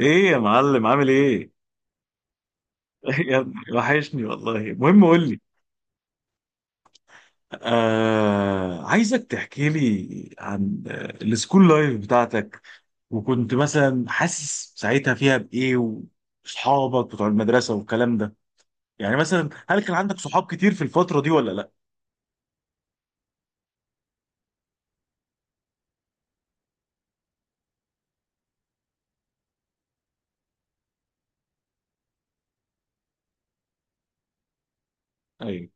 ايه يا معلم عامل ايه؟ يا ابني وحشني والله. المهم قول لي. آه، عايزك تحكي لي عن السكول لايف بتاعتك، وكنت مثلا حاسس ساعتها فيها بايه، واصحابك بتوع المدرسه والكلام ده. يعني مثلا هل كان عندك صحاب كتير في الفتره دي ولا لا؟ ايوه.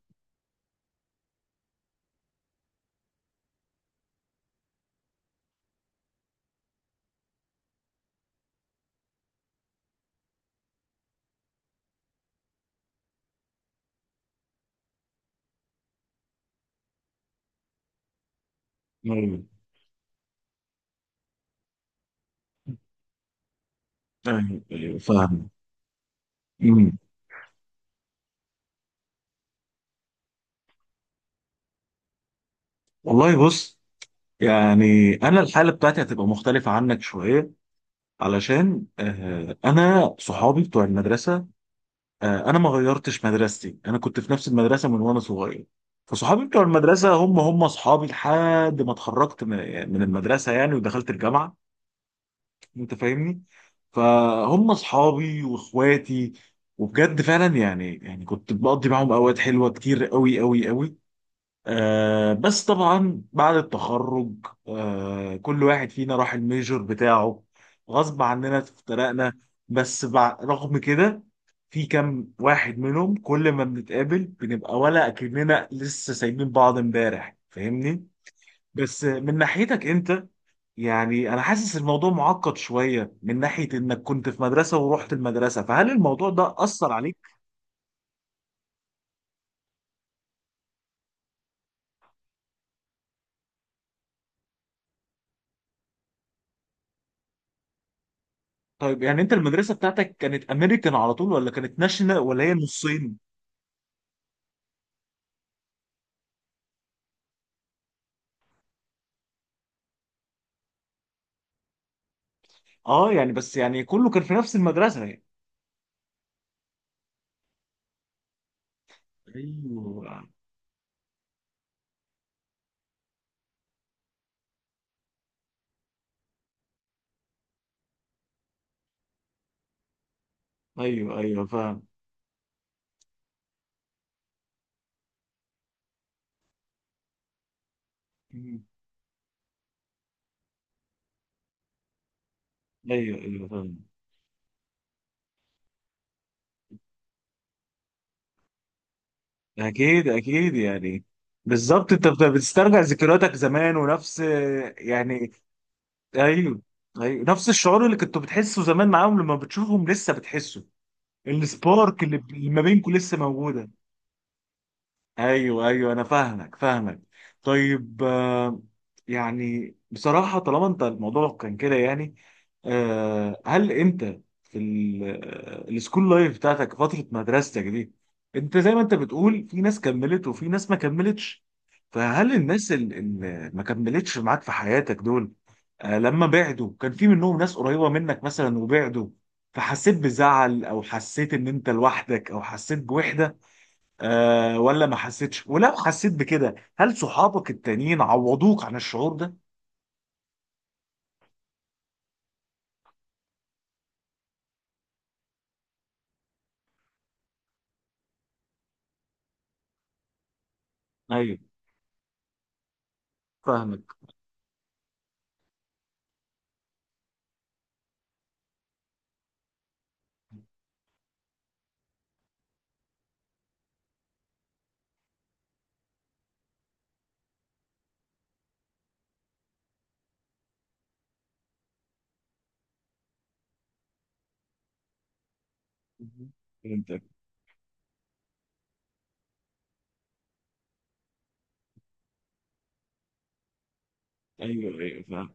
ايوه ايوه فاهم. أمم. والله بص، يعني انا الحاله بتاعتي هتبقى مختلفه عنك شويه، علشان آه، انا صحابي بتوع المدرسه، انا ما غيرتش مدرستي، انا كنت في نفس المدرسه من وانا صغير. فصحابي بتوع المدرسه هم اصحابي لحد ما اتخرجت من، يعني من المدرسه يعني، ودخلت الجامعه. انت فاهمني. فهم اصحابي واخواتي، وبجد فعلا يعني كنت بقضي معاهم اوقات حلوه كتير قوي قوي قوي. آه بس طبعا بعد التخرج، آه كل واحد فينا راح الميجور بتاعه، غصب عننا افترقنا. رغم كده في كام واحد منهم كل ما بنتقابل بنبقى ولا اكننا لسه سايبين بعض امبارح، فاهمني. بس من ناحيتك انت، يعني انا حاسس الموضوع معقد شوية من ناحية انك كنت في مدرسة ورحت المدرسة، فهل الموضوع ده أثر عليك؟ طيب يعني انت المدرسة بتاعتك كانت امريكان على طول ولا كانت ناشونال ولا هي نصين؟ اه يعني بس يعني كله كان في نفس المدرسة يعني. ايوه ايوه فاهم. مم. ايوه ايوه فاهم. اكيد اكيد يعني. بالظبط، بتسترجع ذكرياتك زمان ونفس، يعني. ايوه. ايوه نفس الشعور اللي كنتوا بتحسه زمان معاهم لما بتشوفهم لسه بتحسه. السبارك اللي ما بينكم لسه موجودة. ايوه ايوه، انا فاهمك فاهمك. طيب آه، يعني بصراحه طالما انت الموضوع كان كده يعني، آه، هل انت في السكول لايف بتاعتك، فتره مدرستك دي، انت زي ما انت بتقول في ناس كملت وفي ناس ما كملتش، فهل الناس اللي ما كملتش معاك في حياتك دول، آه، لما بعدوا كان في منهم ناس قريبه منك مثلا وبعدوا، فحسيت بزعل او حسيت ان انت لوحدك او حسيت بوحده، أه، ولا ما حسيتش؟ ولو حسيت بكده هل صحابك التانيين عوضوك عن الشعور ده؟ ايوه فاهمك. مهم. فهمتك. ايوه ايوه فاهم.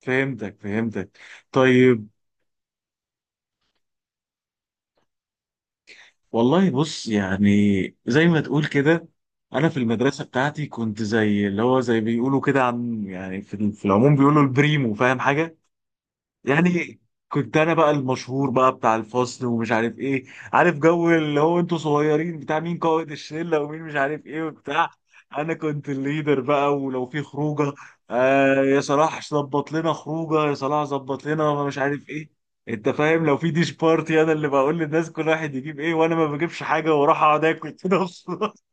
فهمتك فهمتك. طيب، والله بص يعني، زي ما تقول كده، انا في المدرسه بتاعتي كنت زي اللي هو، زي بيقولوا كده، عن يعني، في في العموم بيقولوا البريمو، فاهم حاجه يعني. كنت انا بقى المشهور بقى بتاع الفصل ومش عارف ايه. عارف جو اللي هو انتوا صغيرين بتاع مين قائد الشله ومين مش عارف ايه وبتاع. انا كنت الليدر بقى، ولو في خروجه آه يا صلاح ظبط لنا خروجه، يا صلاح ظبط لنا مش عارف ايه. انت فاهم لو في ديش بارتي انا اللي بقول للناس كل واحد يجيب ايه، وانا ما بجيبش حاجه واروح اقعد اكل كده.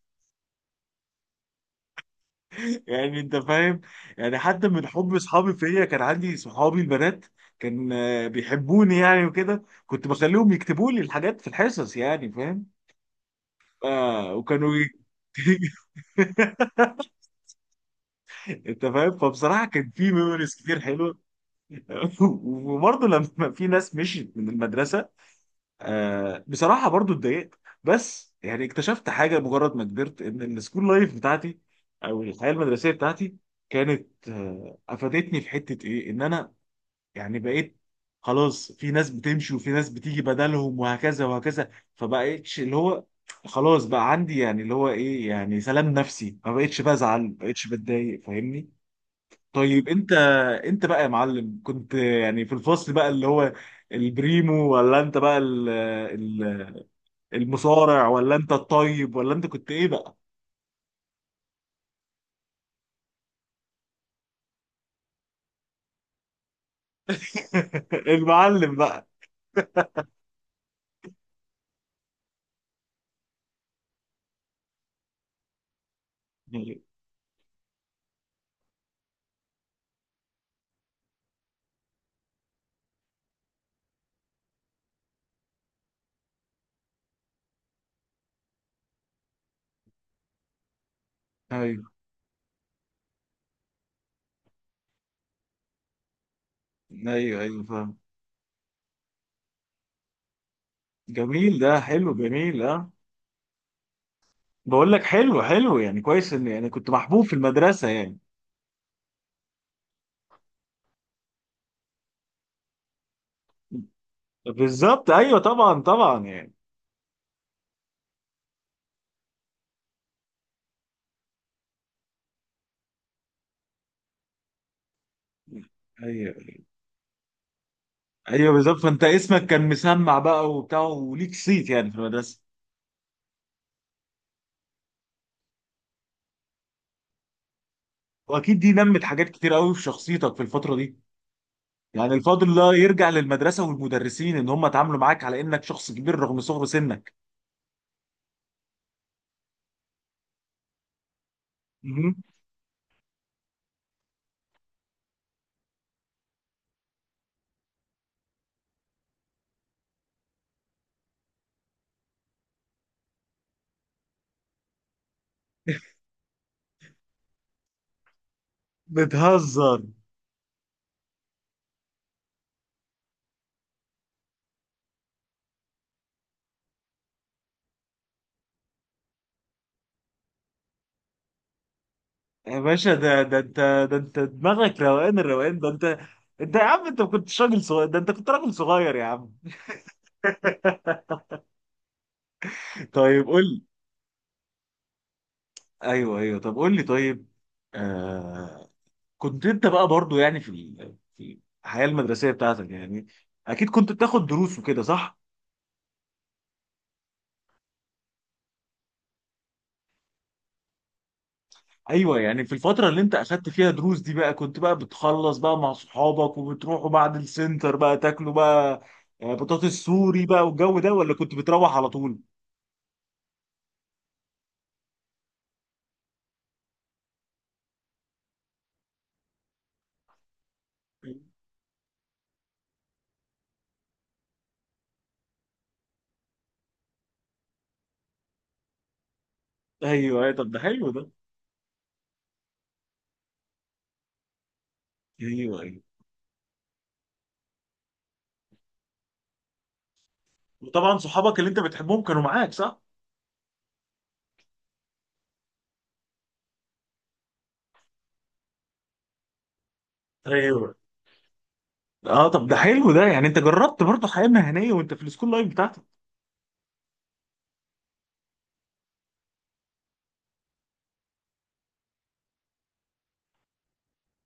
يعني انت فاهم. يعني حتى من حب اصحابي فيا، كان عندي صحابي البنات، كان بيحبوني يعني، وكده كنت بخليهم يكتبوا لي الحاجات في الحصص، يعني فاهم. آه وكانوا ي... انت فاهم. فبصراحه كان في ميموريز كتير حلوه. وبرضه لما في ناس مشيت من المدرسه، آه بصراحه برضه اتضايقت، بس يعني اكتشفت حاجه مجرد ما كبرت، ان السكول لايف بتاعتي او الحياه المدرسيه بتاعتي كانت افادتني في حته ايه، ان انا يعني بقيت، خلاص في ناس بتمشي وفي ناس بتيجي بدلهم وهكذا وهكذا. فبقيتش اللي هو، خلاص بقى عندي يعني اللي هو ايه، يعني سلام نفسي، ما بقيتش بزعل ما بقيتش بتضايق، فاهمني. طيب انت، انت بقى يا معلم كنت يعني في الفصل بقى اللي هو البريمو، ولا انت بقى المصارع، ولا انت الطيب، ولا انت كنت ايه بقى؟ المعلم بقى. ايوه ايوه فاهم. جميل، ده حلو، جميل، اه. بقول لك حلو حلو، يعني كويس ان يعني كنت محبوب في المدرسه يعني. بالظبط ايوه طبعا طبعا يعني. ايوه ايوه بالظبط، فانت اسمك كان مسمع بقى وبتاع وليك صيت يعني في المدرسه. واكيد دي نمت حاجات كتير قوي في شخصيتك في الفتره دي. يعني الفضل الله يرجع للمدرسه والمدرسين ان هم اتعاملوا معاك على انك شخص كبير رغم صغر سنك. مهم. بتهزر. يا باشا ده انت، ده انت دماغك روقان الروقان، ده انت. انت يا عم انت ما كنتش راجل صغير، ده انت كنت راجل صغير يا عم. طيب قول لي. ايوه ايوه، طب قول لي طيب. آه كنت انت بقى برضو، يعني في الحياه المدرسيه بتاعتك، يعني اكيد كنت بتاخد دروس وكده، صح؟ ايوه، يعني في الفتره اللي انت اخدت فيها دروس دي بقى، كنت بقى بتخلص بقى مع صحابك وبتروحوا بعد السنتر بقى تاكلوا بقى آه، بطاطس سوري بقى والجو ده، ولا كنت بتروح على طول؟ ايوه أيوة، طب ده حلو ده. ايوه ايوه، وطبعا صحابك اللي انت بتحبهم كانوا معاك صح؟ ايوه. اه طب ده حلو ده، يعني انت جربت برضه حياه مهنيه وانت في السكول لايف بتاعتك.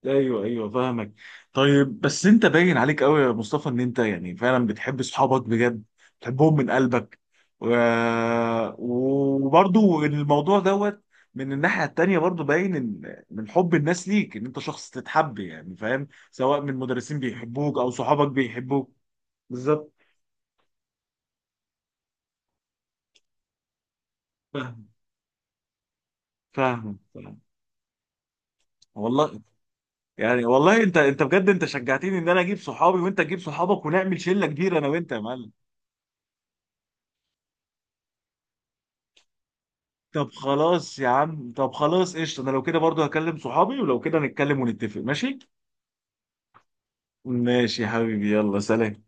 ايوه ايوه فاهمك. طيب بس انت باين عليك قوي يا مصطفى ان انت يعني فعلا بتحب صحابك بجد، بتحبهم من قلبك، و... وبرضه الموضوع دوت، من الناحيه التانيه برضه باين ان من حب الناس ليك ان انت شخص تتحب، يعني فاهم، سواء من مدرسين بيحبوك او صحابك بيحبوك. بالظبط. فاهم فاهم فاهم. والله، يعني والله انت، انت بجد انت شجعتني ان انا اجيب صحابي وانت تجيب صحابك ونعمل شله كبيره انا وانت يا معلم. طب خلاص يا عم، طب خلاص قشطه، انا لو كده برضو هكلم صحابي، ولو كده نتكلم ونتفق ماشي. ماشي يا حبيبي، يلا سلام.